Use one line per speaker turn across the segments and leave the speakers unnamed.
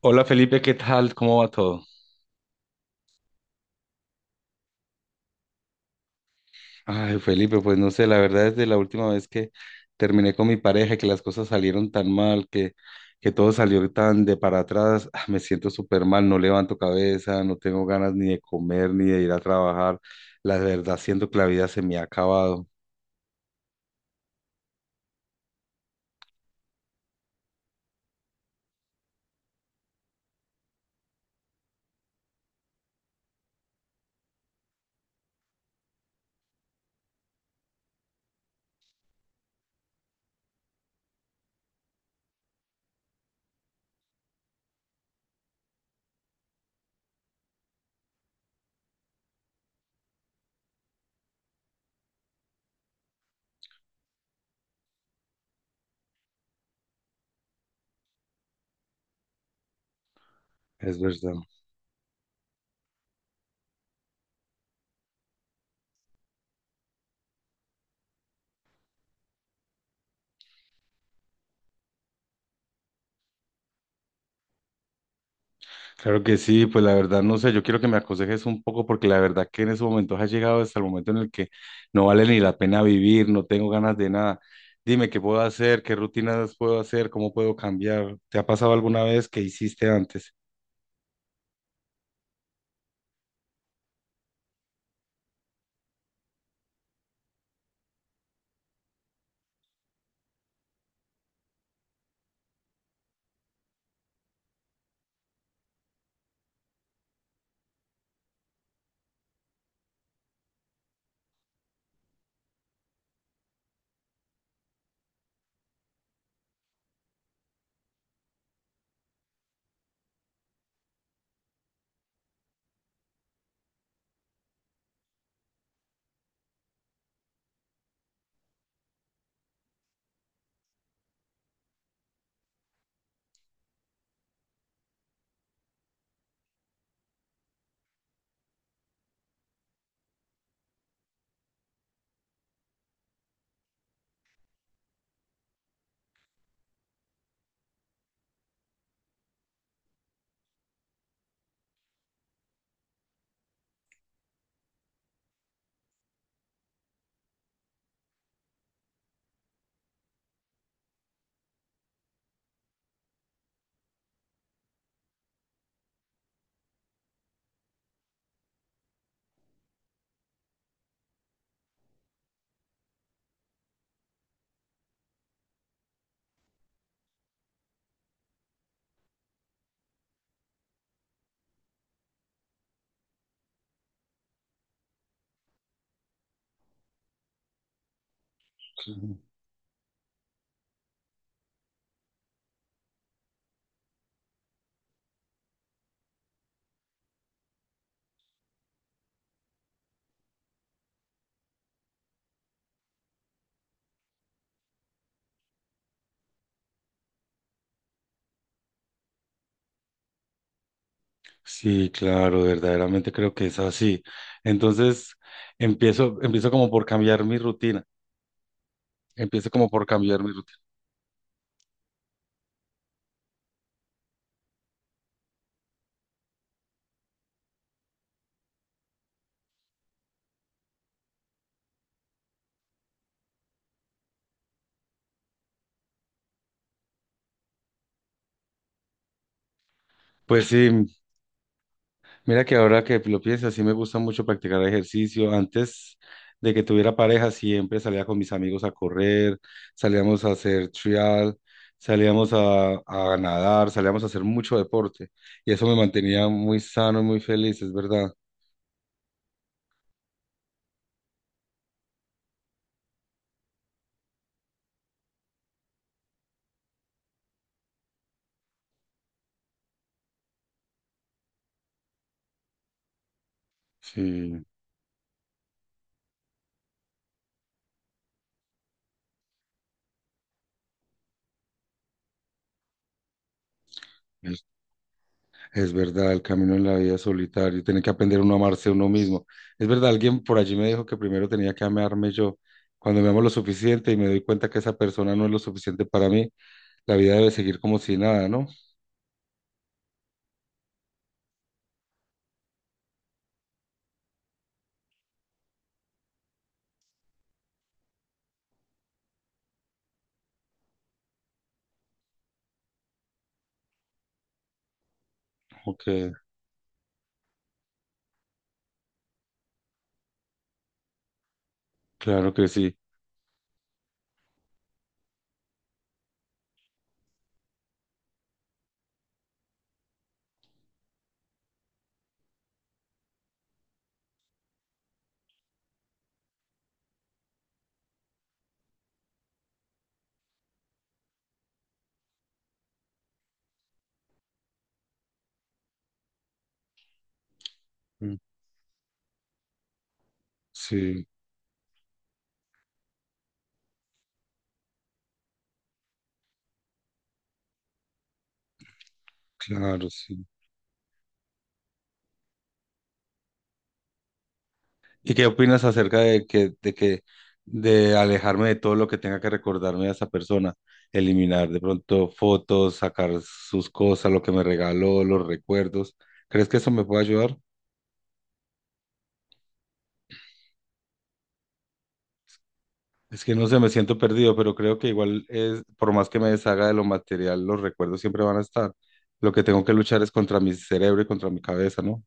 Hola Felipe, ¿qué tal? ¿Cómo va todo? Ay, Felipe, pues no sé, la verdad es de la última vez que terminé con mi pareja, que las cosas salieron tan mal, que todo salió tan de para atrás, me siento súper mal, no levanto cabeza, no tengo ganas ni de comer, ni de ir a trabajar. La verdad, siento que la vida se me ha acabado, es verdad. Claro que sí, pues la verdad no sé, yo quiero que me aconsejes un poco porque la verdad que en esos momentos has llegado hasta el momento en el que no vale ni la pena vivir, no tengo ganas de nada. Dime qué puedo hacer, qué rutinas puedo hacer, cómo puedo cambiar. ¿Te ha pasado alguna vez que hiciste antes? Ujú. Sí, claro, verdaderamente creo que es así. Entonces, empiezo como por cambiar mi rutina. Empiezo como por cambiar mi rutina. Pues sí, mira que ahora que lo pienso, sí me gusta mucho practicar ejercicio. Antes de que tuviera pareja, siempre salía con mis amigos a correr, salíamos a hacer trial, salíamos a nadar, salíamos a hacer mucho deporte. Y eso me mantenía muy sano y muy feliz, es verdad. Sí, es, es verdad, el camino en la vida es solitario, tiene que aprender uno a amarse a uno mismo. Es verdad, alguien por allí me dijo que primero tenía que amarme yo. Cuando me amo lo suficiente y me doy cuenta que esa persona no es lo suficiente para mí, la vida debe seguir como si nada, ¿no? Ok, claro que sí. Mm. Sí, claro, sí. ¿Y qué opinas acerca de alejarme de todo lo que tenga que recordarme a esa persona? Eliminar de pronto fotos, sacar sus cosas, lo que me regaló, los recuerdos. ¿Crees que eso me puede ayudar? Es que no sé, me siento perdido, pero creo que igual es, por más que me deshaga de lo material, los recuerdos siempre van a estar. Lo que tengo que luchar es contra mi cerebro y contra mi cabeza, ¿no?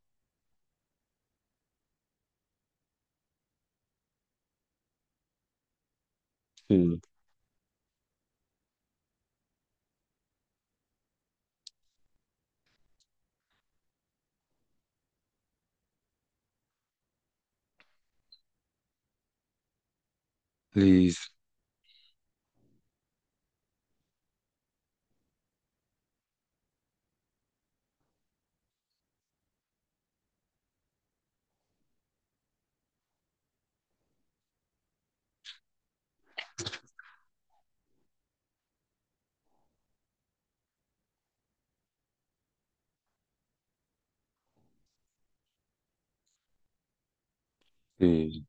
Sí. Liz, sí.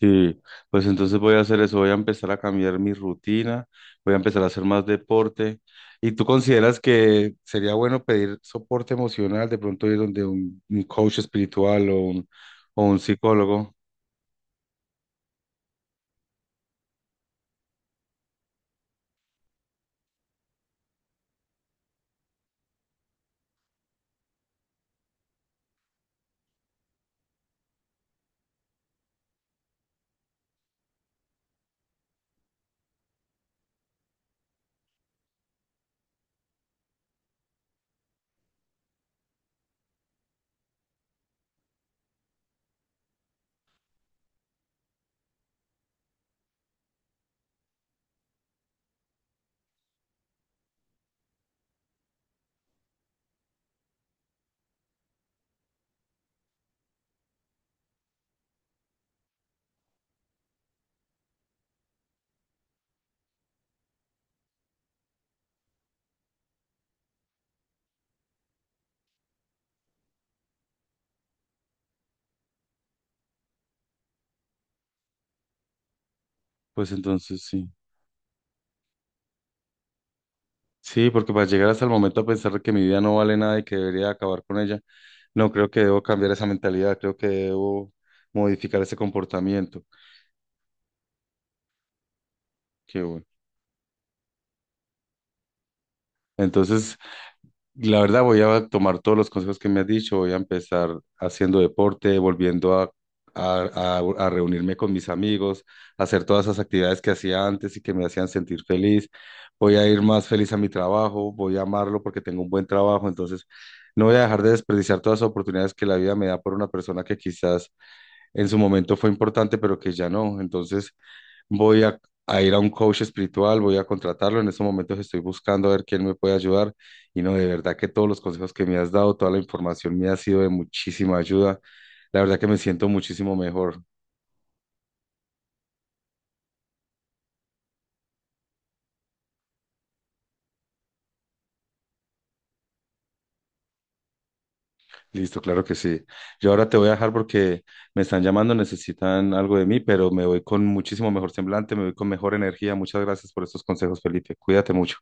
Sí, pues entonces voy a hacer eso, voy a empezar a cambiar mi rutina, voy a empezar a hacer más deporte. ¿Y tú consideras que sería bueno pedir soporte emocional, de pronto ir donde un coach espiritual o un psicólogo? Pues entonces sí. Sí, porque para llegar hasta el momento a pensar que mi vida no vale nada y que debería acabar con ella, no creo que debo cambiar esa mentalidad, creo que debo modificar ese comportamiento. Qué bueno. Entonces, la verdad, voy a tomar todos los consejos que me has dicho. Voy a empezar haciendo deporte, volviendo a, a reunirme con mis amigos, hacer todas esas actividades que hacía antes y que me hacían sentir feliz. Voy a ir más feliz a mi trabajo, voy a amarlo porque tengo un buen trabajo. Entonces, no voy a dejar de desperdiciar todas las oportunidades que la vida me da por una persona que quizás en su momento fue importante, pero que ya no. Entonces, voy a, a ir a un coach espiritual, voy a contratarlo. En estos momentos estoy buscando a ver quién me puede ayudar. Y no, de verdad que todos los consejos que me has dado, toda la información me ha sido de muchísima ayuda. La verdad que me siento muchísimo mejor. Listo, claro que sí. Yo ahora te voy a dejar porque me están llamando, necesitan algo de mí, pero me voy con muchísimo mejor semblante, me voy con mejor energía. Muchas gracias por estos consejos, Felipe. Cuídate mucho.